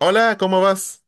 Hola, ¿cómo vas?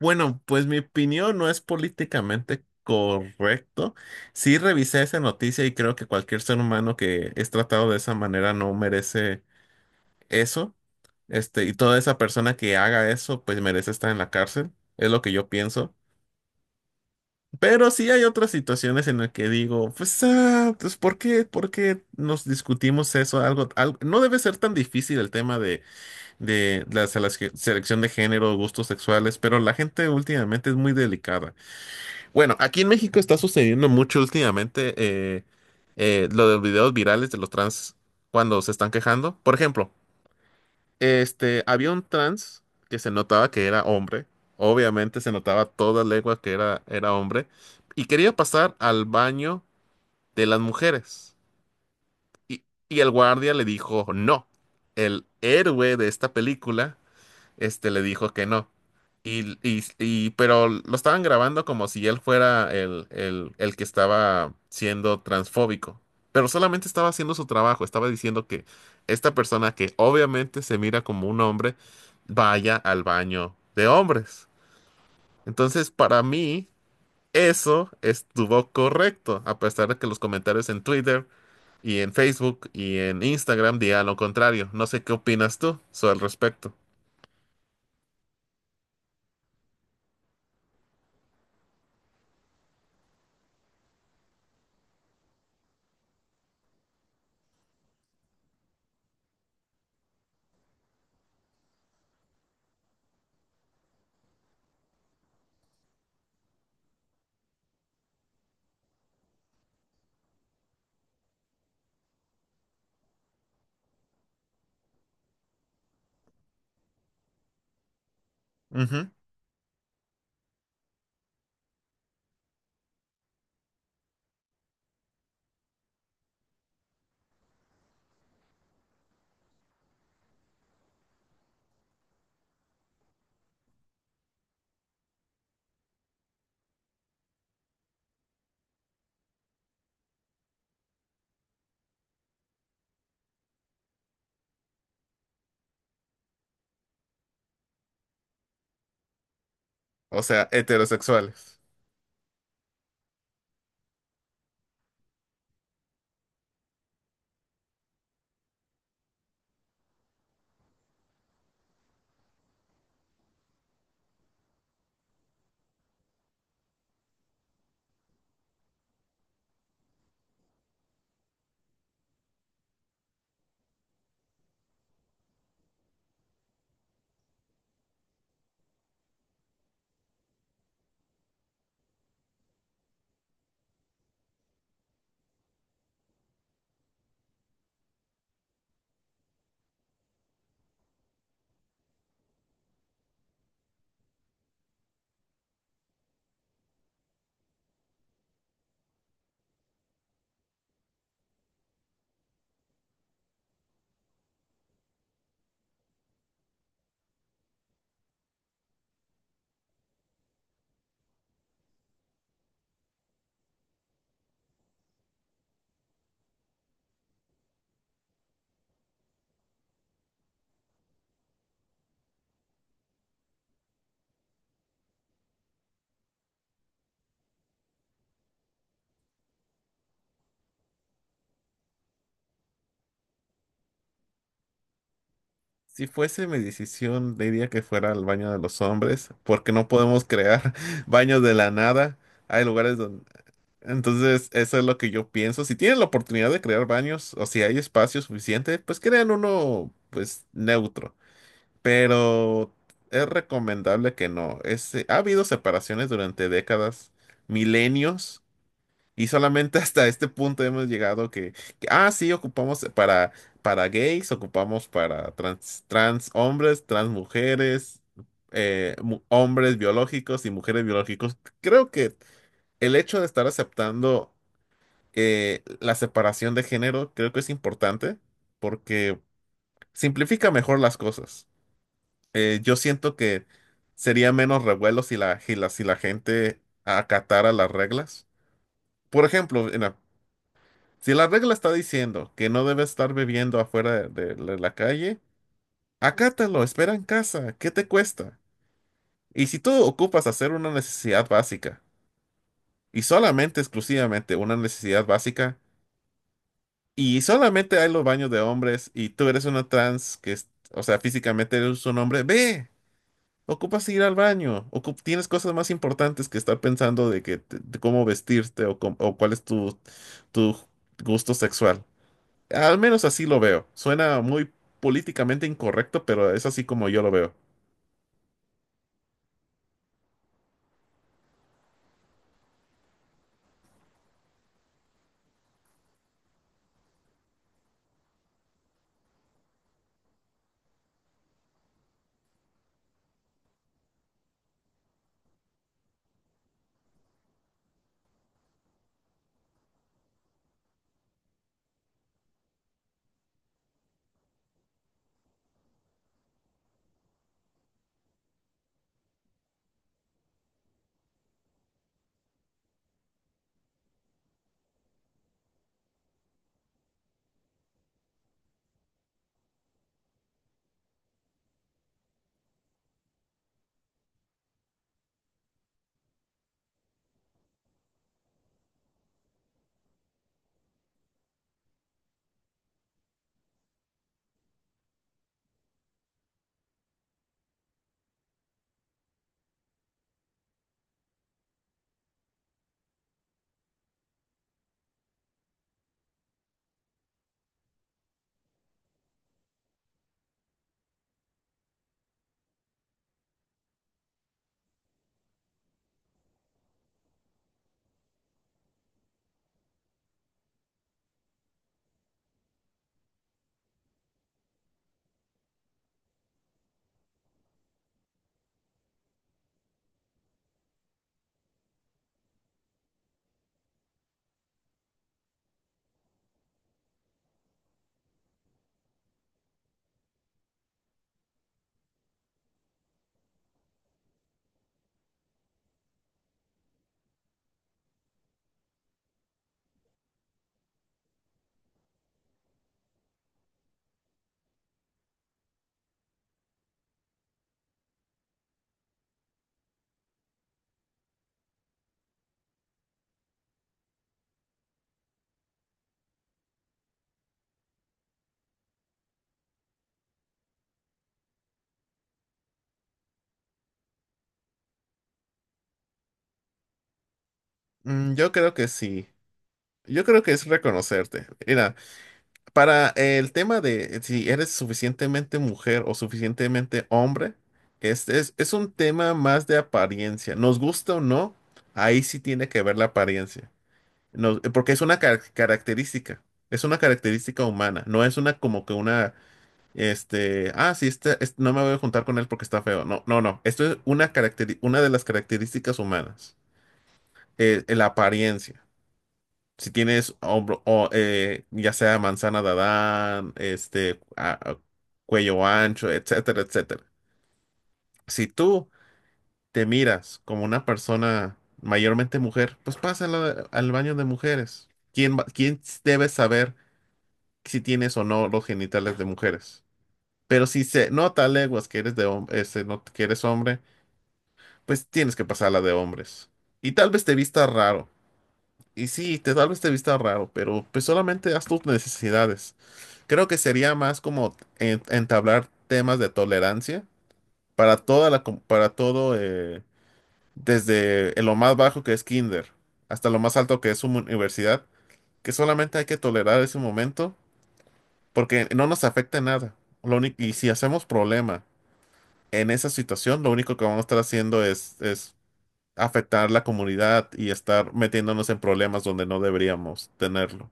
Bueno, pues mi opinión no es políticamente correcto. Sí revisé esa noticia y creo que cualquier ser humano que es tratado de esa manera no merece eso. Este, y toda esa persona que haga eso, pues merece estar en la cárcel. Es lo que yo pienso. Pero sí hay otras situaciones en las que digo, pues, ah, pues, ¿por qué nos discutimos eso? Algo, algo, no debe ser tan difícil el tema de la selección de género, gustos sexuales, pero la gente últimamente es muy delicada. Bueno, aquí en México está sucediendo mucho últimamente lo de los videos virales de los trans cuando se están quejando. Por ejemplo, este, había un trans que se notaba que era hombre, obviamente se notaba toda legua que era hombre, y quería pasar al baño de las mujeres. Y, y el guardia le dijo, no, el héroe de esta película este le dijo que no. Pero lo estaban grabando como si él fuera el que estaba siendo transfóbico. Pero solamente estaba haciendo su trabajo, estaba diciendo que esta persona que obviamente se mira como un hombre, vaya al baño de hombres. Entonces, para mí, eso estuvo correcto, a pesar de que los comentarios en Twitter y en Facebook y en Instagram digan lo contrario. No sé qué opinas tú sobre el respecto. Ujú. O sea, heterosexuales. Si fuese mi decisión, diría que fuera al baño de los hombres, porque no podemos crear baños de la nada. Hay lugares donde… Entonces, eso es lo que yo pienso. Si tienen la oportunidad de crear baños o si hay espacio suficiente, pues crean uno, pues, neutro. Pero es recomendable que no. Ese- ha habido separaciones durante décadas, milenios. Y solamente hasta este punto hemos llegado que, ah, sí, ocupamos para gays, ocupamos para trans, trans hombres, trans mujeres, mu- hombres biológicos y mujeres biológicos. Creo que el hecho de estar aceptando la separación de género, creo que es importante porque simplifica mejor las cosas. Yo siento que sería menos revuelo si la gente acatara las reglas. Por ejemplo, en la- si la regla está diciendo que no debes estar bebiendo afuera de la calle, acátalo, espera en casa, ¿qué te cuesta? Y si tú ocupas hacer una necesidad básica, y solamente exclusivamente una necesidad básica, y solamente hay los baños de hombres, y tú eres una trans que es, o sea, físicamente eres un hombre, ve, ocupas ir al baño, ocup- tienes cosas más importantes que estar pensando de que de cómo vestirte o, com- o cuál es tu, tu gusto sexual. Al menos así lo veo. Suena muy políticamente incorrecto, pero es así como yo lo veo. Mm, yo creo que sí. Yo creo que es reconocerte. Mira, para el tema de si eres suficientemente mujer o suficientemente hombre, es un tema más de apariencia. Nos gusta o no, ahí sí tiene que ver la apariencia. Nos- porque es una car- característica. Es una característica humana. No es una como que una este, ah, sí, no me voy a juntar con él porque está feo. No, no, no. Esto es una caracteri- una de las características humanas. La apariencia. Si tienes hombro, o, ya sea manzana de Adán, este, cuello ancho, etcétera, etcétera. Si tú te miras como una persona mayormente mujer, pues pásala al baño de mujeres. ¿Quién, va- quién debe saber si tienes o no los genitales de mujeres? Pero si se nota a leguas que eres de se nota que eres hombre, pues tienes que pasar la de hombres. Y tal vez te vista raro. Y sí, te, tal vez te vista raro, pero pues solamente haz tus necesidades. Creo que sería más como entablar temas de tolerancia para toda la, com- para todo, desde lo más bajo que es kinder hasta lo más alto que es una universidad, que solamente hay que tolerar ese momento porque no nos afecta en nada. Lo único- y si hacemos problema en esa situación lo único que vamos a estar haciendo es afectar la comunidad y estar metiéndonos en problemas donde no deberíamos tenerlo.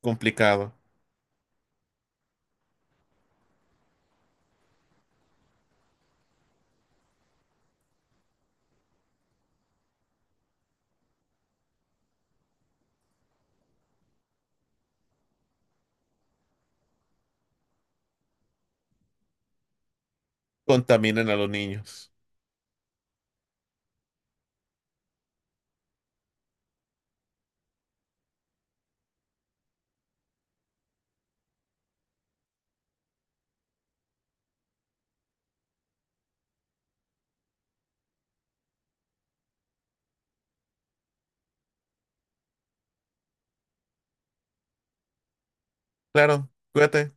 Complicado. Contaminen a los niños. Claro, cuídate.